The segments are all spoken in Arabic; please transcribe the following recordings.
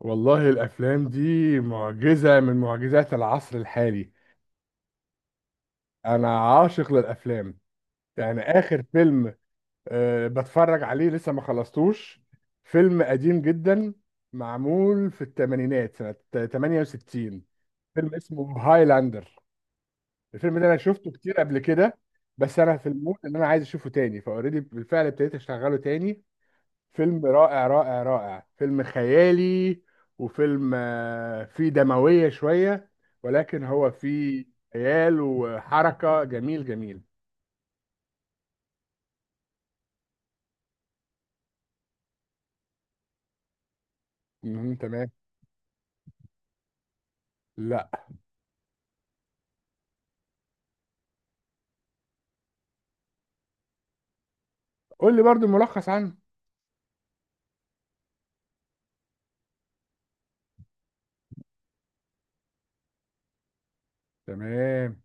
والله الافلام دي معجزه من معجزات العصر الحالي. انا عاشق للافلام. يعني اخر فيلم بتفرج عليه لسه ما خلصتوش. فيلم قديم جدا معمول في الثمانينات سنه 68. فيلم اسمه هايلاندر. الفيلم ده انا شفته كتير قبل كده، بس انا في المود ان انا عايز اشوفه تاني فاوريدي، بالفعل ابتديت اشغله تاني. فيلم رائع رائع رائع، فيلم خيالي. وفيلم فيه دموية شوية، ولكن هو فيه خيال وحركة جميل جميل. مهم. تمام. لا. قول لي برضو ملخص عنه. تمام.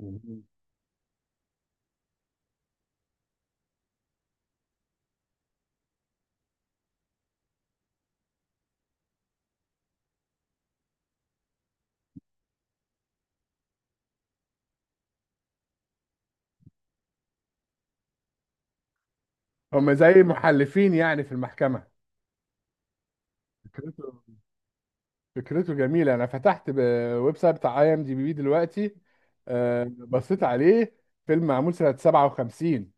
مهم. هم زي محلفين يعني في المحكمة. فكرته فكرته جميلة. أنا فتحت ويب سايت بتاع اي ام دي بي دلوقتي. بصيت عليه. فيلم معمول سنة 57.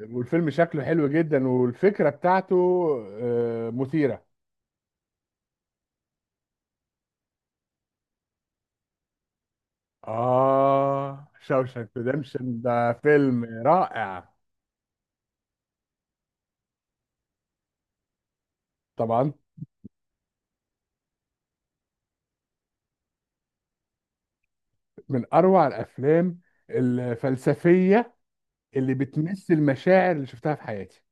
والفيلم شكله حلو جدا والفكرة بتاعته مثيرة. آه، شوشنك ريدمشن ده فيلم رائع. طبعا. من أروع الأفلام الفلسفية اللي بتمثل المشاعر اللي شفتها في حياتي.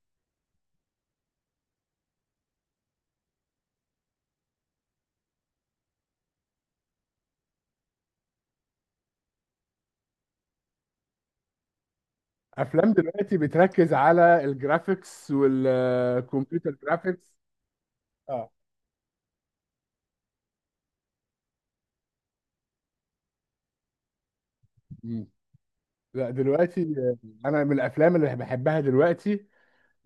أفلام دلوقتي بتركز على الجرافيكس والكمبيوتر جرافيكس. آه. مم. لا دلوقتي أنا من الأفلام اللي بحبها دلوقتي،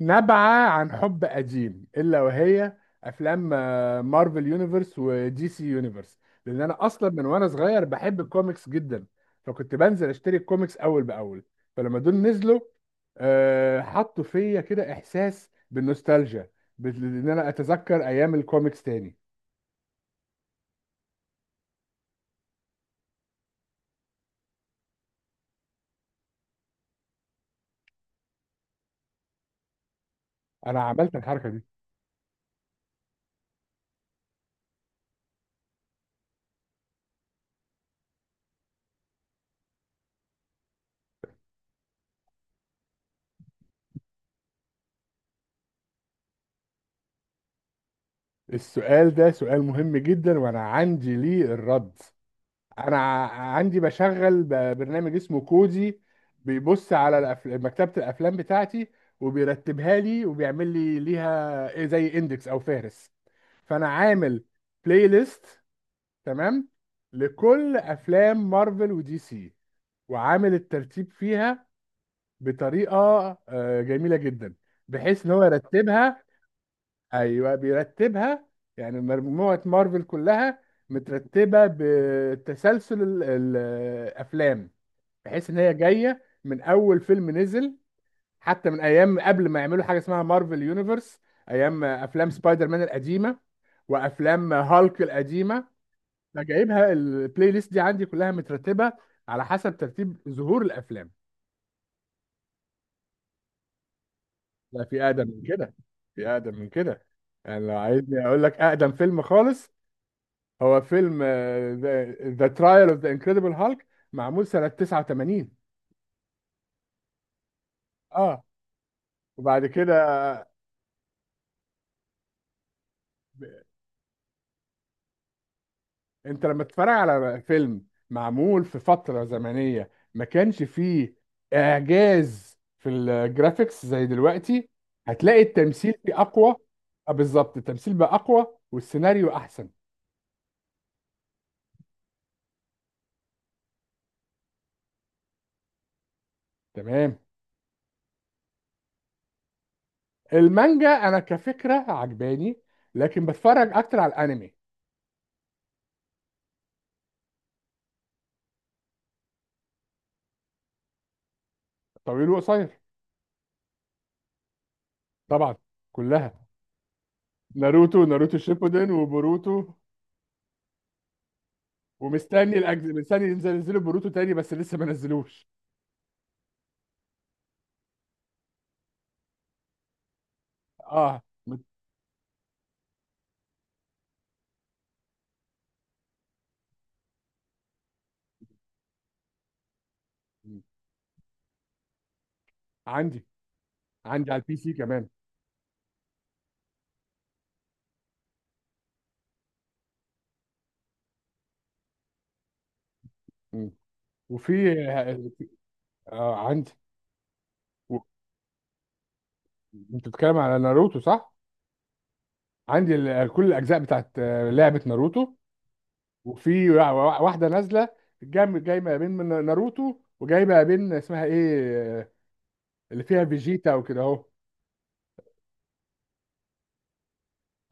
نبعة عن حب قديم إلا وهي أفلام مارفل يونيفرس ودي سي يونيفرس. لأن أنا أصلا من وأنا صغير بحب الكوميكس جدا، فكنت بنزل أشتري الكوميكس أول بأول. فلما دول نزلوا حطوا فيا كده إحساس بالنوستالجيا، إن أنا أتذكر أيام الكوميكس تاني. أنا عملت الحركة دي. السؤال ده سؤال مهم جدا وأنا عندي ليه الرد. انا عندي بشغل برنامج اسمه كودي، بيبص على مكتبة الافلام بتاعتي وبيرتبها لي وبيعمل لي ليها إيه زي اندكس او فهرس. فانا عامل بلاي ليست. تمام. لكل افلام مارفل ودي سي، وعامل الترتيب فيها بطريقة جميلة جدا، بحيث ان هو يرتبها. ايوه بيرتبها. يعني مجموعه مارفل كلها مترتبه بتسلسل الافلام، بحيث ان هي جايه من اول فيلم نزل، حتى من ايام قبل ما يعملوا حاجه اسمها مارفل يونيفرس، ايام افلام سبايدر مان القديمه وافلام هالك القديمه. فجايبها البلاي ليست دي عندي كلها مترتبه على حسب ترتيب ظهور الافلام. لا في اقدم من كده، في اقدم من كده. يعني لو عايزني اقول لك اقدم فيلم خالص، هو فيلم ذا ترايل اوف ذا انكريدبل هالك معمول سنة 89. اه وبعد كده، انت لما تتفرج على فيلم معمول في فترة زمنية ما كانش فيه اعجاز في الجرافيكس زي دلوقتي، هتلاقي التمثيل فيه اقوى. بالظبط، التمثيل بقى اقوى والسيناريو احسن. تمام. المانجا انا كفكرة عجباني، لكن بتفرج اكتر على الانمي. طويل وقصير. طبعا، كلها. ناروتو، ناروتو شيبودن، وبوروتو. ومستني مستني ينزلوا بوروتو تاني، بس لسه ما نزلوش. اه عندي. عندي على البي سي كمان. مم. وفي، عندي. و... انت بتتكلم على ناروتو صح؟ عندي كل الاجزاء بتاعت لعبة ناروتو. وفي واحدة نازلة. جايبه ما بين من ناروتو، وجايبه ما بين اسمها ايه اللي فيها فيجيتا وكده اهو.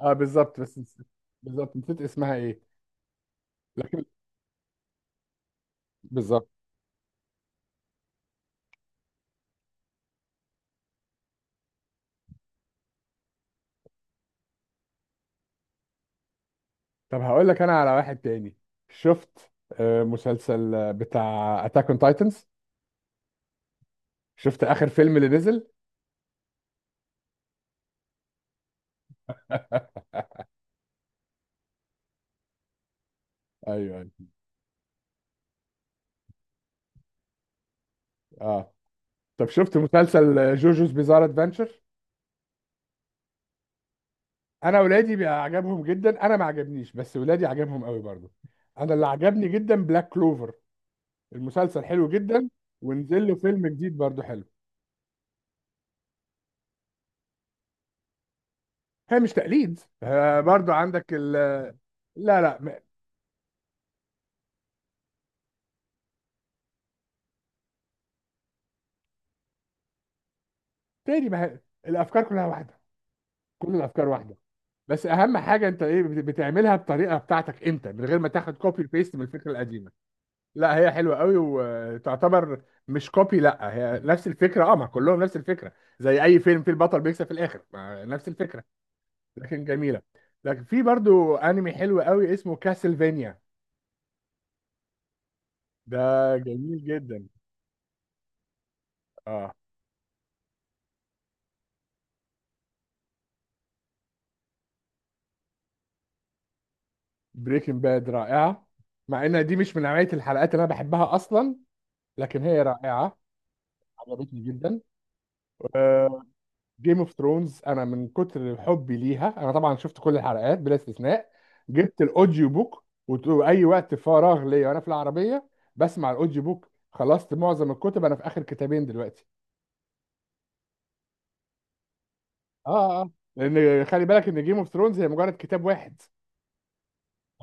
اه بالظبط، بالظبط نسيت اسمها ايه. لكن. بالظبط. طب هقول لك انا على واحد تاني. شفت مسلسل بتاع اتاك اون تايتنز. شفت اخر فيلم اللي نزل. ايوه، ايوه. اه. طب شفت مسلسل جوجوز بيزار ادفنتشر؟ انا ولادي بقى عجبهم جدا، انا ما عجبنيش، بس ولادي عجبهم قوي برضو. انا اللي عجبني جدا بلاك كلوفر، المسلسل حلو جدا. ونزل له فيلم جديد برضو حلو. هي مش تقليد، آه برضو عندك ال آه، لا، لا تاني ما هي- الافكار كلها واحده. كل الافكار واحده. بس اهم حاجه، انت ايه بتعملها بطريقه بتاعتك انت، من غير ما تاخد كوبي بيست من الفكره القديمه. لا هي حلوه قوي وتعتبر، مش كوبي، لا هي نفس الفكره، اه ما كلهم نفس الفكره. زي اي فيلم فيه البطل بيكسب في الاخر، ما نفس الفكره. لكن جميله. لكن في برضو انمي حلو قوي اسمه كاسلفينيا. ده جميل جدا. اه. بريكنج باد رائعه، مع ان دي مش من نوعيه الحلقات اللي انا بحبها اصلا، لكن هي رائعه. عجبتني جدا. جيم اوف ثرونز انا من كتر حبي ليها انا طبعا شفت كل الحلقات بلا استثناء. جبت الاوديو بوك، واي وقت فراغ ليا وانا في العربيه بسمع الاوديو بوك. خلصت معظم الكتب، انا في اخر كتابين دلوقتي. اه. اه آه. لان خلي بالك ان جيم اوف ثرونز هي مجرد كتاب واحد.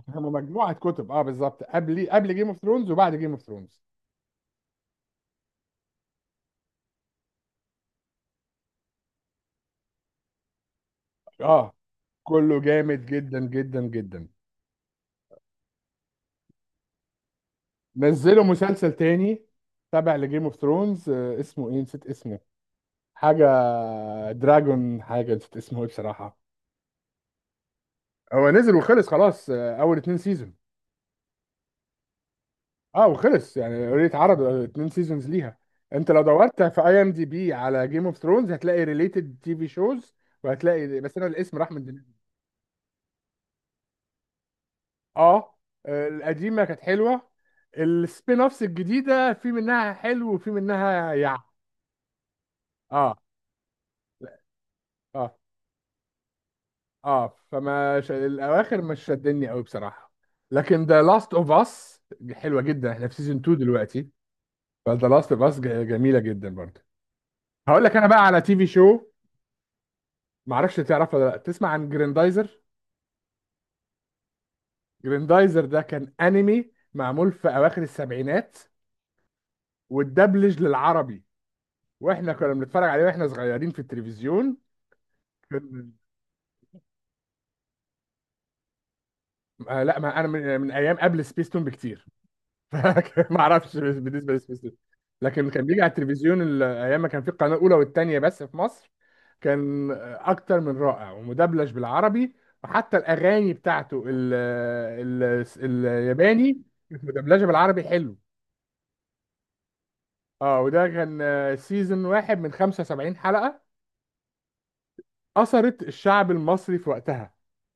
هم مجموعه كتب، اه بالظبط، قبل جيم اوف ثرونز وبعد جيم اوف ثرونز. اه كله جامد جدا جدا جدا. نزلوا مسلسل تاني تابع لجيم اوف ثرونز، اسمه ايه نسيت اسمه. حاجة دراجون، حاجة نسيت اسمه ايه بصراحة. هو نزل وخلص خلاص، اول اتنين سيزون. اه وخلص يعني اوريدي اتعرض اتنين سيزونز ليها. انت لو دورت في اي ام دي بي على جيم اوف ثرونز هتلاقي ريليتد تي في شوز، وهتلاقي، بس انا الاسم راح من دماغي. اه القديمه كانت حلوه. السبين اوفس الجديده في منها حلو وفي منها اه اه اه فما الاواخر مش شدني قوي بصراحه. لكن ذا لاست اوف اس حلوه جدا، احنا في سيزون 2 دلوقتي. فذا لاست اوف اس جميله جدا برضه. هقول لك انا بقى على تي في شو. ما اعرفش تعرف ولا لا، تسمع عن جريندايزر؟ جريندايزر ده كان انمي معمول في اواخر السبعينات، واتدبلج للعربي، واحنا كنا بنتفرج عليه واحنا صغيرين في التلفزيون. كان- آه لا، ما انا من, ايام قبل سبيستون بكتير. ما اعرفش بالنسبه لسميث سون. لكن كان بيجي على التلفزيون ايام ما كان في القناه الاولى والثانيه بس في مصر. كان اكتر من رائع ومدبلج بالعربي، وحتى الاغاني بتاعته ال ال الياباني مدبلجه بالعربي حلو. اه وده كان سيزون واحد من 75 حلقه، اثرت الشعب المصري في وقتها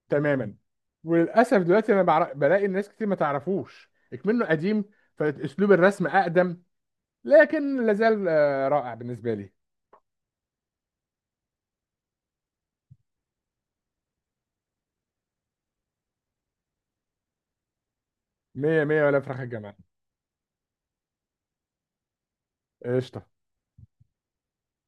تماما. وللاسف دلوقتي انا بلاقي الناس كتير ما تعرفوش اكمنه قديم، فاسلوب الرسم اقدم، لكن لازال رائع بالنسبة لي. مية مية ولا فراخ الجمال. قشطة.